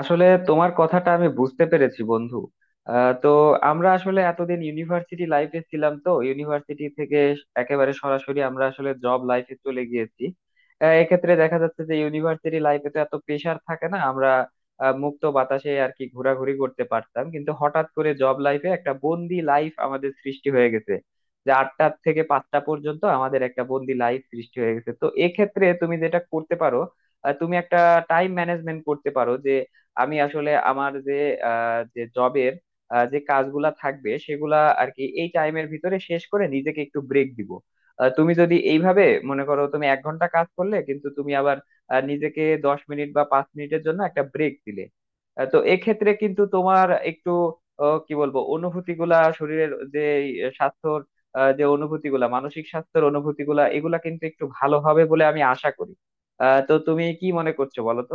আসলে তোমার কথাটা আমি বুঝতে পেরেছি, বন্ধু। তো আমরা আসলে এতদিন ইউনিভার্সিটি লাইফে ছিলাম, তো ইউনিভার্সিটি থেকে একেবারে সরাসরি আমরা আসলে জব লাইফে চলে গিয়েছি। এক্ষেত্রে দেখা যাচ্ছে যে ইউনিভার্সিটি লাইফে তো এত প্রেশার থাকে না, আমরা মুক্ত বাতাসে আর কি ঘোরাঘুরি করতে পারতাম, কিন্তু হঠাৎ করে জব লাইফে একটা বন্দি লাইফ আমাদের সৃষ্টি হয়ে গেছে, যে 8টা থেকে 5টা পর্যন্ত আমাদের একটা বন্দি লাইফ সৃষ্টি হয়ে গেছে। তো এক্ষেত্রে তুমি যেটা করতে পারো, তুমি একটা টাইম ম্যানেজমেন্ট করতে পারো যে আমি আসলে আমার যে জবের যে কাজগুলা থাকবে সেগুলা আর কি এই টাইমের ভিতরে শেষ করে নিজেকে একটু ব্রেক দিব। তুমি যদি এইভাবে মনে করো, তুমি 1 ঘন্টা কাজ করলে, কিন্তু তুমি আবার নিজেকে 10 মিনিট বা 5 মিনিটের জন্য একটা ব্রেক দিলে, তো এক্ষেত্রে কিন্তু তোমার একটু কি বলবো, অনুভূতি গুলা শরীরের যে এই স্বাস্থ্যর, যে অনুভূতি গুলা মানসিক স্বাস্থ্যের অনুভূতি গুলা এগুলা কিন্তু একটু ভালো হবে বলে আমি আশা করি। তো তুমি কি মনে করছো বলো তো।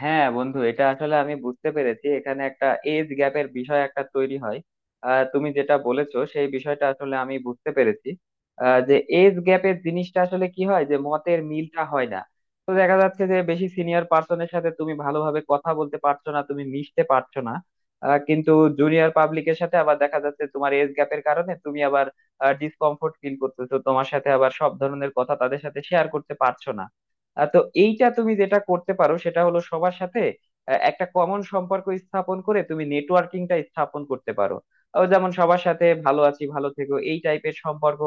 হ্যাঁ, বন্ধু, এটা আসলে আমি বুঝতে পেরেছি। এখানে একটা এজ গ্যাপের বিষয় একটা তৈরি হয়। তুমি যেটা বলেছো সেই বিষয়টা আসলে আমি বুঝতে পেরেছি। যে এজ গ্যাপের জিনিসটা আসলে কি হয় যে মতের মিলটা হয় না। তো দেখা যাচ্ছে যে বেশি সিনিয়র পার্সনের সাথে তুমি ভালোভাবে কথা বলতে পারছো না, তুমি মিশতে পারছো না। কিন্তু জুনিয়র পাবলিকের সাথে আবার দেখা যাচ্ছে তোমার এজ গ্যাপের কারণে তুমি আবার ডিসকমফোর্ট ফিল করতেছো, তোমার সাথে আবার সব ধরনের কথা তাদের সাথে শেয়ার করতে পারছো না। তো এইটা তুমি যেটা করতে পারো সেটা হলো সবার সাথে একটা কমন সম্পর্ক স্থাপন করে তুমি নেটওয়ার্কিংটা স্থাপন করতে পারো। যেমন সবার সাথে ভালো আছি ভালো থেকো এই টাইপের সম্পর্ক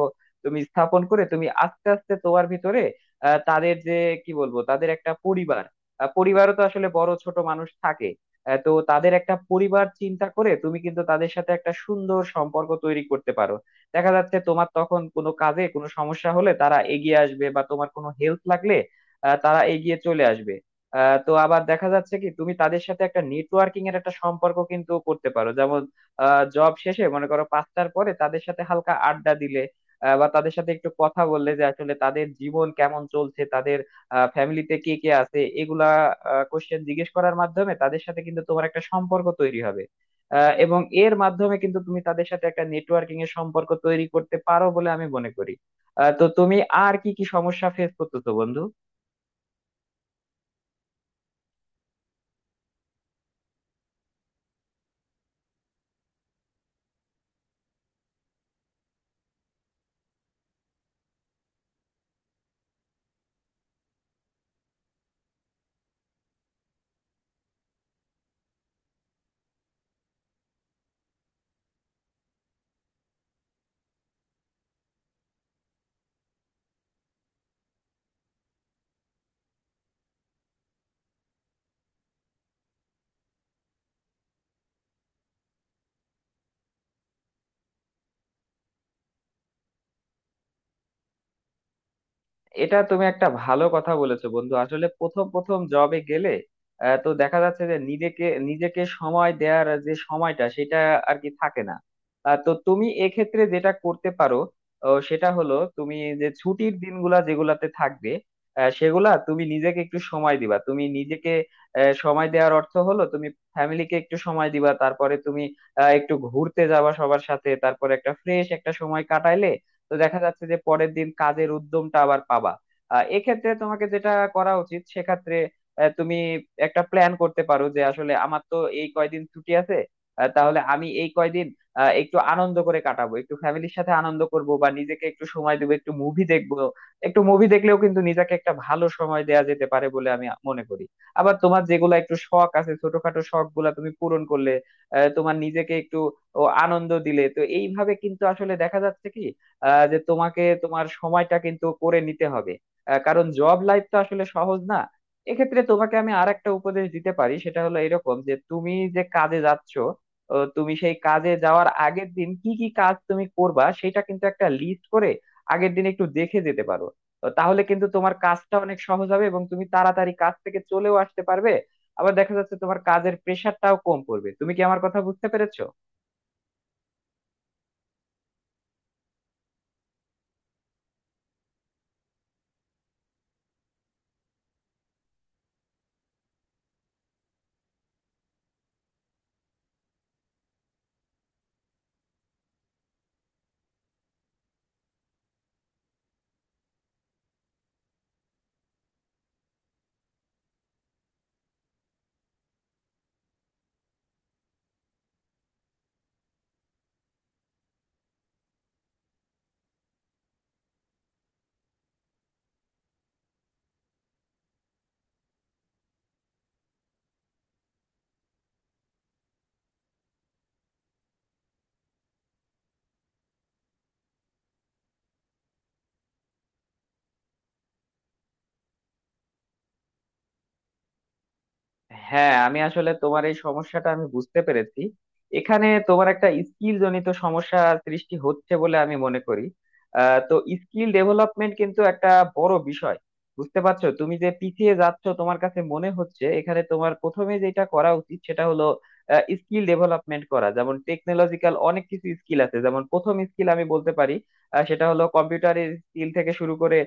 তুমি স্থাপন করে তুমি আস্তে আস্তে তোমার ভিতরে তাদের যে কি বলবো, তাদের একটা পরিবার। পরিবারও তো আসলে বড় ছোট মানুষ থাকে। তো তাদের একটা পরিবার চিন্তা করে তুমি কিন্তু তাদের সাথে একটা সুন্দর সম্পর্ক তৈরি করতে পারো। দেখা যাচ্ছে তোমার তখন কোনো কাজে কোনো সমস্যা হলে তারা এগিয়ে আসবে, বা তোমার কোনো হেল্প লাগলে তারা এগিয়ে চলে আসবে। তো আবার দেখা যাচ্ছে কি, তুমি তাদের সাথে একটা নেটওয়ার্কিং এর একটা সম্পর্ক কিন্তু করতে পারো, যেমন জব শেষে মনে করো 5টার পরে তাদের সাথে হালকা আড্ডা দিলে, বা তাদের সাথে একটু কথা বললে যে আসলে তাদের জীবন কেমন চলছে, তাদের ফ্যামিলিতে কে কে আছে, এগুলা কোশ্চেন জিজ্ঞেস করার মাধ্যমে তাদের সাথে কিন্তু তোমার একটা সম্পর্ক তৈরি হবে। এবং এর মাধ্যমে কিন্তু তুমি তাদের সাথে একটা নেটওয়ার্কিং এর সম্পর্ক তৈরি করতে পারো বলে আমি মনে করি। তো তুমি আর কি কি সমস্যা ফেস করতেছো, বন্ধু? এটা তুমি একটা ভালো কথা বলেছো, বন্ধু। আসলে প্রথম প্রথম জবে গেলে তো দেখা যাচ্ছে যে নিজেকে নিজেকে সময় দেওয়ার যে সময়টা সেটা আর কি থাকে না। তো তুমি এক্ষেত্রে যেটা করতে পারো, সেটা হলো তুমি যে ছুটির দিনগুলা যেগুলাতে থাকবে সেগুলা তুমি নিজেকে একটু সময় দিবা। তুমি নিজেকে সময় দেওয়ার অর্থ হলো তুমি ফ্যামিলিকে একটু সময় দিবা। তারপরে তুমি একটু ঘুরতে যাবা সবার সাথে, তারপরে একটা ফ্রেশ একটা সময় কাটাইলে তো দেখা যাচ্ছে যে পরের দিন কাজের উদ্যমটা আবার পাবা। এক্ষেত্রে তোমাকে যেটা করা উচিত সেক্ষেত্রে, তুমি একটা প্ল্যান করতে পারো যে আসলে আমার তো এই কয়দিন ছুটি আছে। তাহলে আমি এই কয়দিন একটু আনন্দ করে কাটাবো, একটু ফ্যামিলির সাথে আনন্দ করব বা নিজেকে একটু সময় দেবো, একটু মুভি দেখবো। একটু মুভি দেখলেও কিন্তু নিজেকে একটা ভালো সময় দেয়া যেতে পারে বলে আমি মনে করি। আবার তোমার যেগুলা একটু শখ আছে, ছোটখাটো শখ গুলা তুমি পূরণ করলে, তোমার নিজেকে একটু ও আনন্দ দিলে, তো এইভাবে কিন্তু আসলে দেখা যাচ্ছে কি, যে তোমাকে তোমার সময়টা কিন্তু করে নিতে হবে। কারণ জব লাইফ তো আসলে সহজ না। এক্ষেত্রে তোমাকে আমি আর একটা উপদেশ দিতে পারি, সেটা হলো এরকম যে তুমি যে কাজে যাচ্ছ, ও তুমি সেই কাজে যাওয়ার আগের দিন কি কি কাজ তুমি করবা সেটা কিন্তু একটা লিস্ট করে আগের দিন একটু দেখে যেতে পারো। তো তাহলে কিন্তু তোমার কাজটা অনেক সহজ হবে এবং তুমি তাড়াতাড়ি কাজ থেকে চলেও আসতে পারবে। আবার দেখা যাচ্ছে তোমার কাজের প্রেশারটাও কম পড়বে। তুমি কি আমার কথা বুঝতে পেরেছো? হ্যাঁ, আমি আসলে তোমার এই সমস্যাটা আমি বুঝতে পেরেছি। এখানে তোমার একটা স্কিল জনিত সমস্যা সৃষ্টি হচ্ছে বলে আমি মনে করি। তো স্কিল ডেভেলপমেন্ট কিন্তু একটা বড় বিষয়। বুঝতে পারছো, তুমি যে পিছিয়ে যাচ্ছ তোমার কাছে মনে হচ্ছে, এখানে তোমার প্রথমে যেটা করা উচিত সেটা হলো স্কিল ডেভেলপমেন্ট করা। যেমন টেকনোলজিক্যাল অনেক কিছু স্কিল আছে, যেমন প্রথম স্কিল আমি বলতে পারি সেটা হলো কম্পিউটারের স্কিল থেকে শুরু করে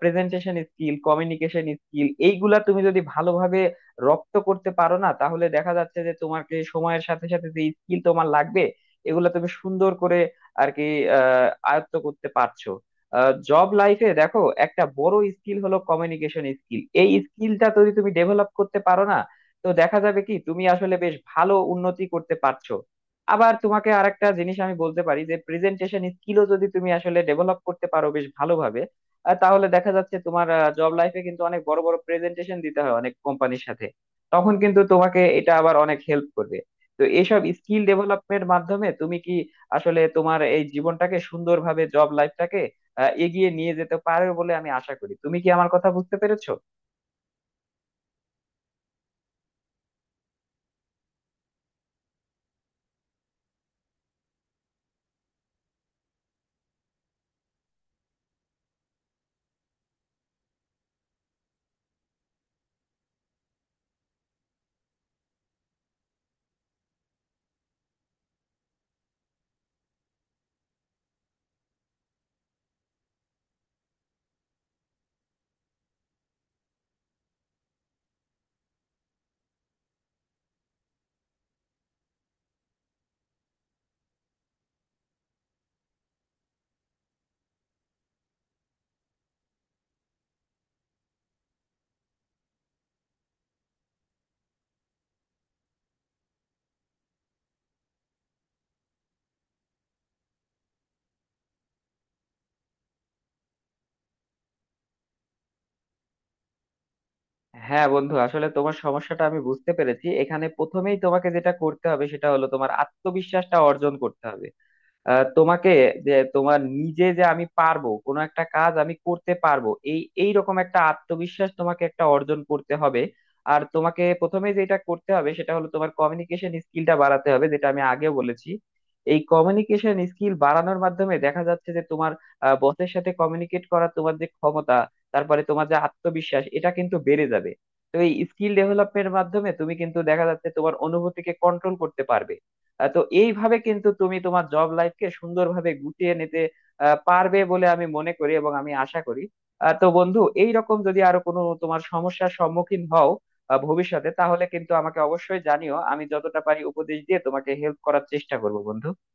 প্রেজেন্টেশন স্কিল, কমিউনিকেশন স্কিল, এইগুলা তুমি যদি ভালোভাবে রপ্ত করতে পারো না, তাহলে দেখা যাচ্ছে যে তোমাকে সময়ের সাথে সাথে যে স্কিল তোমার লাগবে এগুলো তুমি সুন্দর করে আর কি আয়ত্ত করতে পারছো। জব লাইফে দেখো, একটা বড় স্কিল হলো কমিউনিকেশন স্কিল। এই স্কিলটা যদি তুমি ডেভেলপ করতে পারো না, তো দেখা যাবে কি তুমি আসলে বেশ ভালো উন্নতি করতে পারছো। আবার তোমাকে আরেকটা জিনিস আমি বলতে পারি যে প্রেজেন্টেশন স্কিলও যদি তুমি আসলে ডেভেলপ করতে পারো বেশ ভালোভাবে, তাহলে দেখা যাচ্ছে তোমার জব লাইফে কিন্তু অনেক বড় বড় প্রেজেন্টেশন দিতে হয় অনেক কোম্পানির সাথে। তখন কিন্তু তোমাকে এটা আবার অনেক হেল্প করবে। তো এইসব স্কিল ডেভেলপমেন্ট মাধ্যমে তুমি কি আসলে তোমার এই জীবনটাকে সুন্দরভাবে, জব লাইফটাকে এগিয়ে নিয়ে যেতে পারবে বলে আমি আশা করি। তুমি কি আমার কথা বুঝতে পেরেছো? হ্যাঁ, বন্ধু, আসলে তোমার সমস্যাটা আমি বুঝতে পেরেছি। এখানে প্রথমেই তোমাকে যেটা করতে হবে সেটা হলো তোমার আত্মবিশ্বাসটা অর্জন করতে হবে। তোমাকে, যে তোমার নিজে যে আমি পারবো, কোনো একটা কাজ আমি করতে পারবো, এই এই রকম একটা আত্মবিশ্বাস তোমাকে একটা অর্জন করতে হবে। আর তোমাকে প্রথমে যেটা করতে হবে সেটা হলো তোমার কমিউনিকেশন স্কিলটা বাড়াতে হবে, যেটা আমি আগেও বলেছি। এই কমিউনিকেশন স্কিল বাড়ানোর মাধ্যমে দেখা যাচ্ছে যে তোমার বসের সাথে কমিউনিকেট করার তোমার যে ক্ষমতা, তারপরে তোমার যে আত্মবিশ্বাস, এটা কিন্তু বেড়ে যাবে। তো এই স্কিল ডেভেলপমেন্টের মাধ্যমে তুমি কিন্তু দেখা যাচ্ছে তোমার অনুভূতিকে কন্ট্রোল করতে পারবে। তো এইভাবে কিন্তু তুমি তোমার জব লাইফকে সুন্দরভাবে গুটিয়ে নিতে পারবে বলে আমি মনে করি এবং আমি আশা করি। তো বন্ধু, এই রকম যদি আরো কোনো তোমার সমস্যার সম্মুখীন হও ভবিষ্যতে, তাহলে কিন্তু আমাকে অবশ্যই জানিও। আমি যতটা পারি উপদেশ দিয়ে তোমাকে হেল্প করার চেষ্টা করবো, বন্ধু।